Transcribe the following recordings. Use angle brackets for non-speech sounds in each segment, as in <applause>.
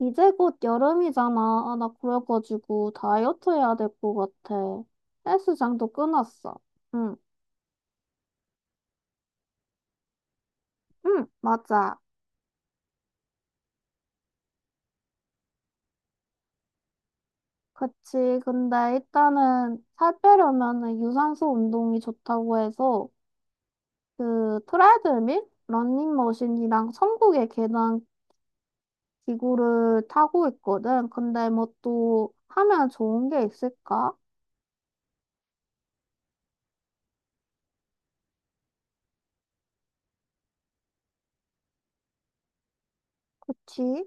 이제 곧 여름이잖아. 아, 나 그래가지고 다이어트 해야 될 것 같아. 헬스장도 끊었어. 응, 응, 맞아. 그치. 근데 일단은 살 빼려면은 유산소 운동이 좋다고 해서 그 트레드밀, 러닝머신이랑 천국의 계단 기구를 타고 있거든. 근데 뭐 또 하면 좋은 게 있을까? 그치?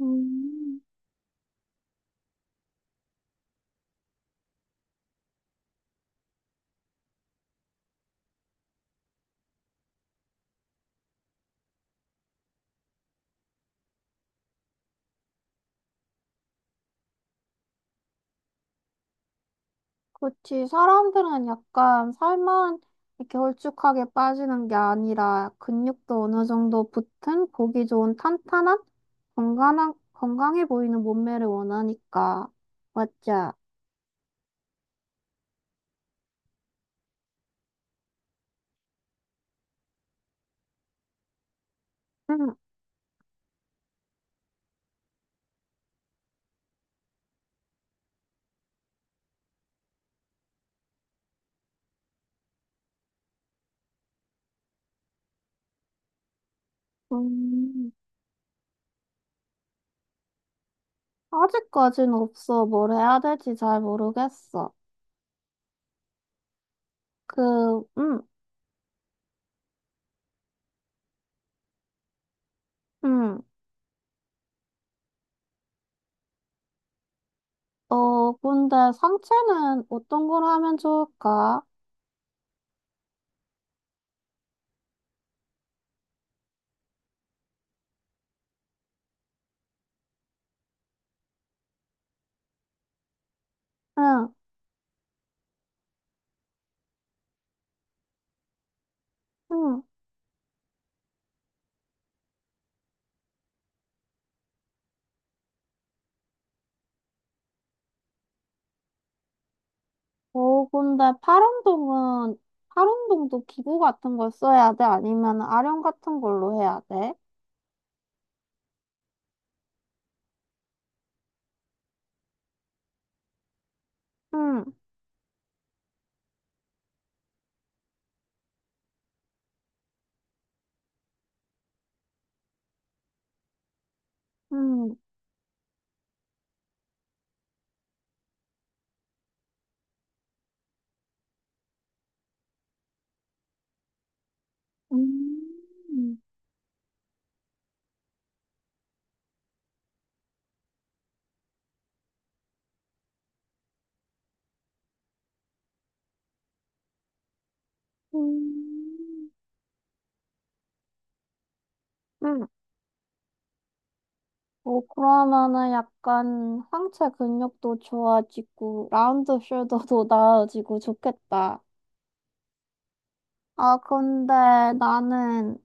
음. 그렇지. 사람들은 약간 살만 이렇게 홀쭉하게 빠지는 게 아니라 근육도 어느 정도 붙은 보기 좋은 탄탄한 건강한 건강해 보이는 몸매를 원하니까 맞자. 응. 음, 아직까지는 없어. 뭘 해야 될지 잘 모르겠어. 그, 음. 어, 근데 상체는 어떤 걸 하면 좋을까? 응, 응. 어, 근데 파란동도 기구 같은 걸 써야 돼? 아니면 아령 같은 걸로 해야 돼? 응, 응, 음, 음, 응. 어, 그러면은 약간 상체 근육도 좋아지고, 라운드 숄더도 <laughs> 나아지고 좋겠다. 아, 근데 나는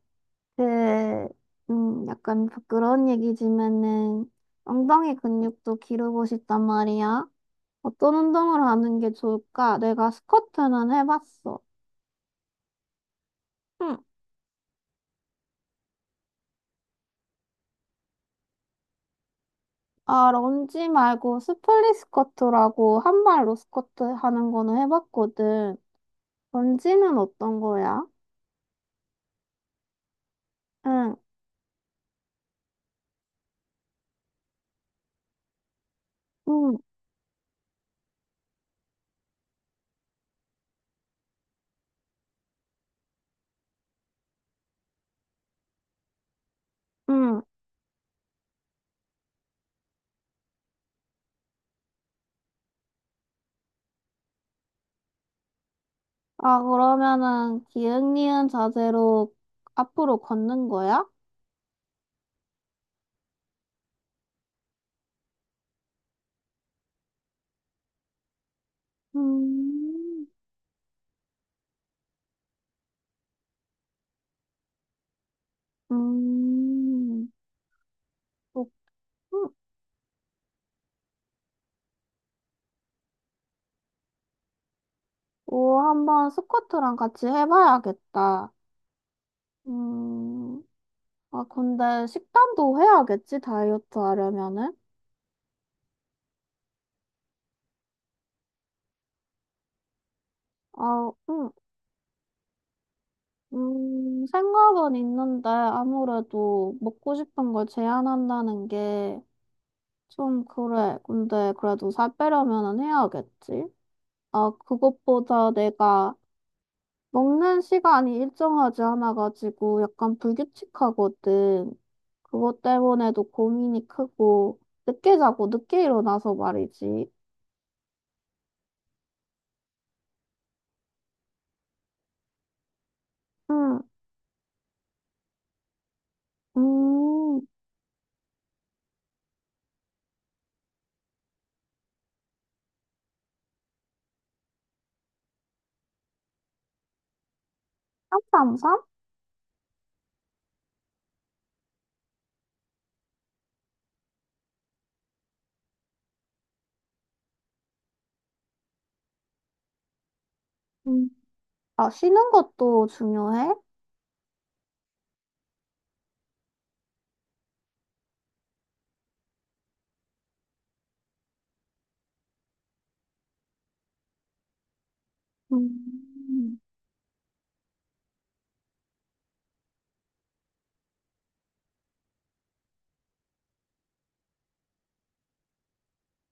그, 약간 부끄러운 얘기지만은 엉덩이 근육도 기르고 싶단 말이야. 어떤 운동을 하는 게 좋을까? 내가 스쿼트는 해봤어. 응. 아, 런지 말고 스플릿 스쿼트라고 한 발로 스쿼트 하는 거는 해봤거든. 런지는 어떤 거야? 응, 응, 응. 아, 그러면은 기흥리은 자세로 앞으로 걷는 거야? 음, 음, 그렇군. 오, 한번 스쿼트랑 같이 해봐야겠다. 음. 아, 근데 식단도 해야겠지, 다이어트 하려면은? 아, 생각은 있는데 아무래도 먹고 싶은 걸 제한한다는 게 좀 그래. 근데 그래도 살 빼려면은 해야겠지? 아, 그것보다 내가 먹는 시간이 일정하지 않아가지고 약간 불규칙하거든. 그것 때문에도 고민이 크고 늦게 자고 늦게 일어나서 말이지. 응, 음, 삼삼삼? 응. 아, 쉬는 것도 중요해? 음,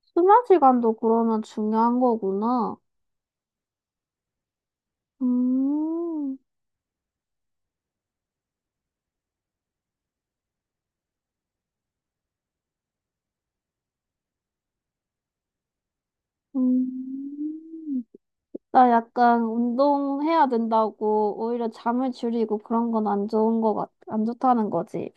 수면 시간도 그러면 중요한 거구나. 음, 음. 나 약간 운동해야 된다고 오히려 잠을 줄이고 그런 건 안 좋은 거 같, 안 좋다는 거지.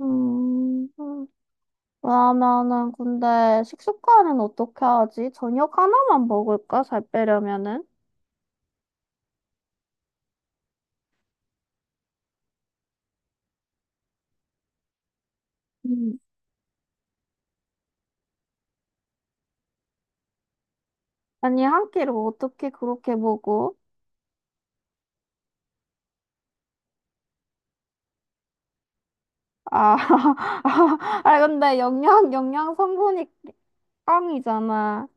음, 음. 그러면은 근데 식습관은 어떻게 하지? 저녁 하나만 먹을까? 살 빼려면은? 음. 아니, 한 끼를 어떻게 그렇게 먹어? 아, <laughs> 아, 근데 영양 성분이 깡이잖아.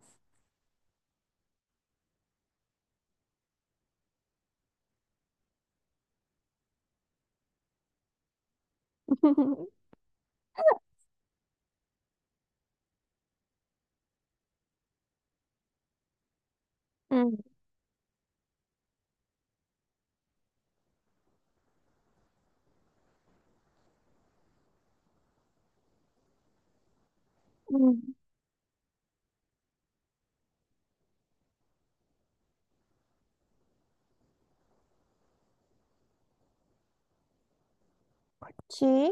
<laughs> 응, 응, 그치?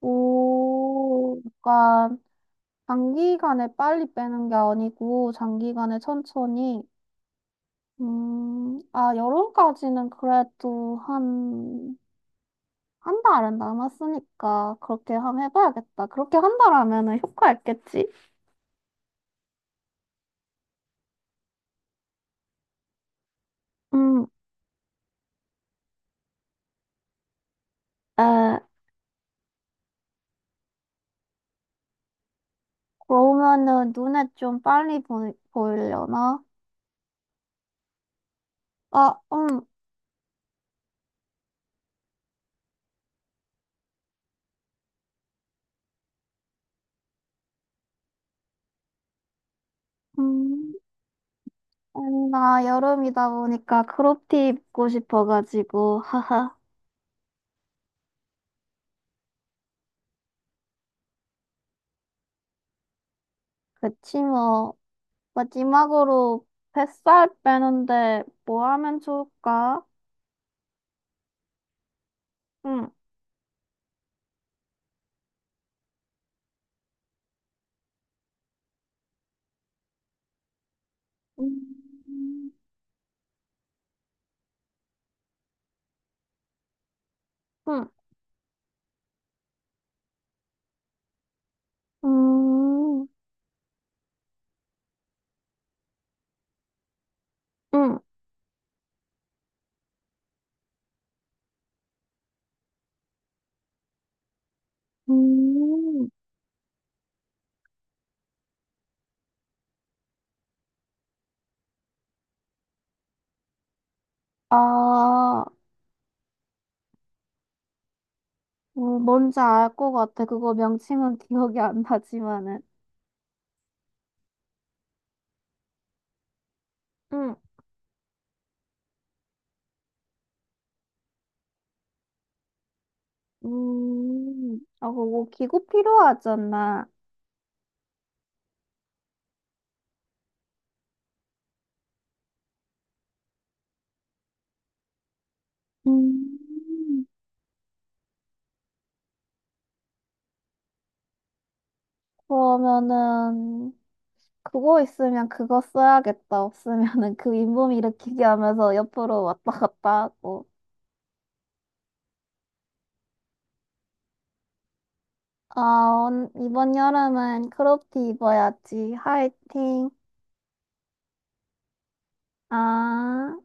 오, 그러니까 단기간에 빨리 빼는 게 아니고 장기간에 천천히. 아, 여름까지는 그래도 한 달은 남았으니까 그렇게 한번 해봐야겠다. 그렇게 한 달 하면은 효과 있겠지? 음, 에, 그러면은 눈에 좀 빨리 보이려나? 아, 음, 아니, 나 여름이다 보니까 크롭티 입고 싶어가지고, 하하. 그치, 뭐. 마지막으로 뱃살 빼는데 뭐 하면 좋을까? 응. 음, 응. 음, 응. 음. 아, 뭔지 알 것 같아. 그거 명칭은 기억이 안 나지만은. 응. 아, 그거 기구 필요하잖아. 음, 그러면은, 그거 있으면 그거 써야겠다. 없으면은 그 윗몸 일으키기 하면서 옆으로 왔다 갔다 하고. 아, 온 이번 여름은 크롭티 입어야지. 화이팅. 아.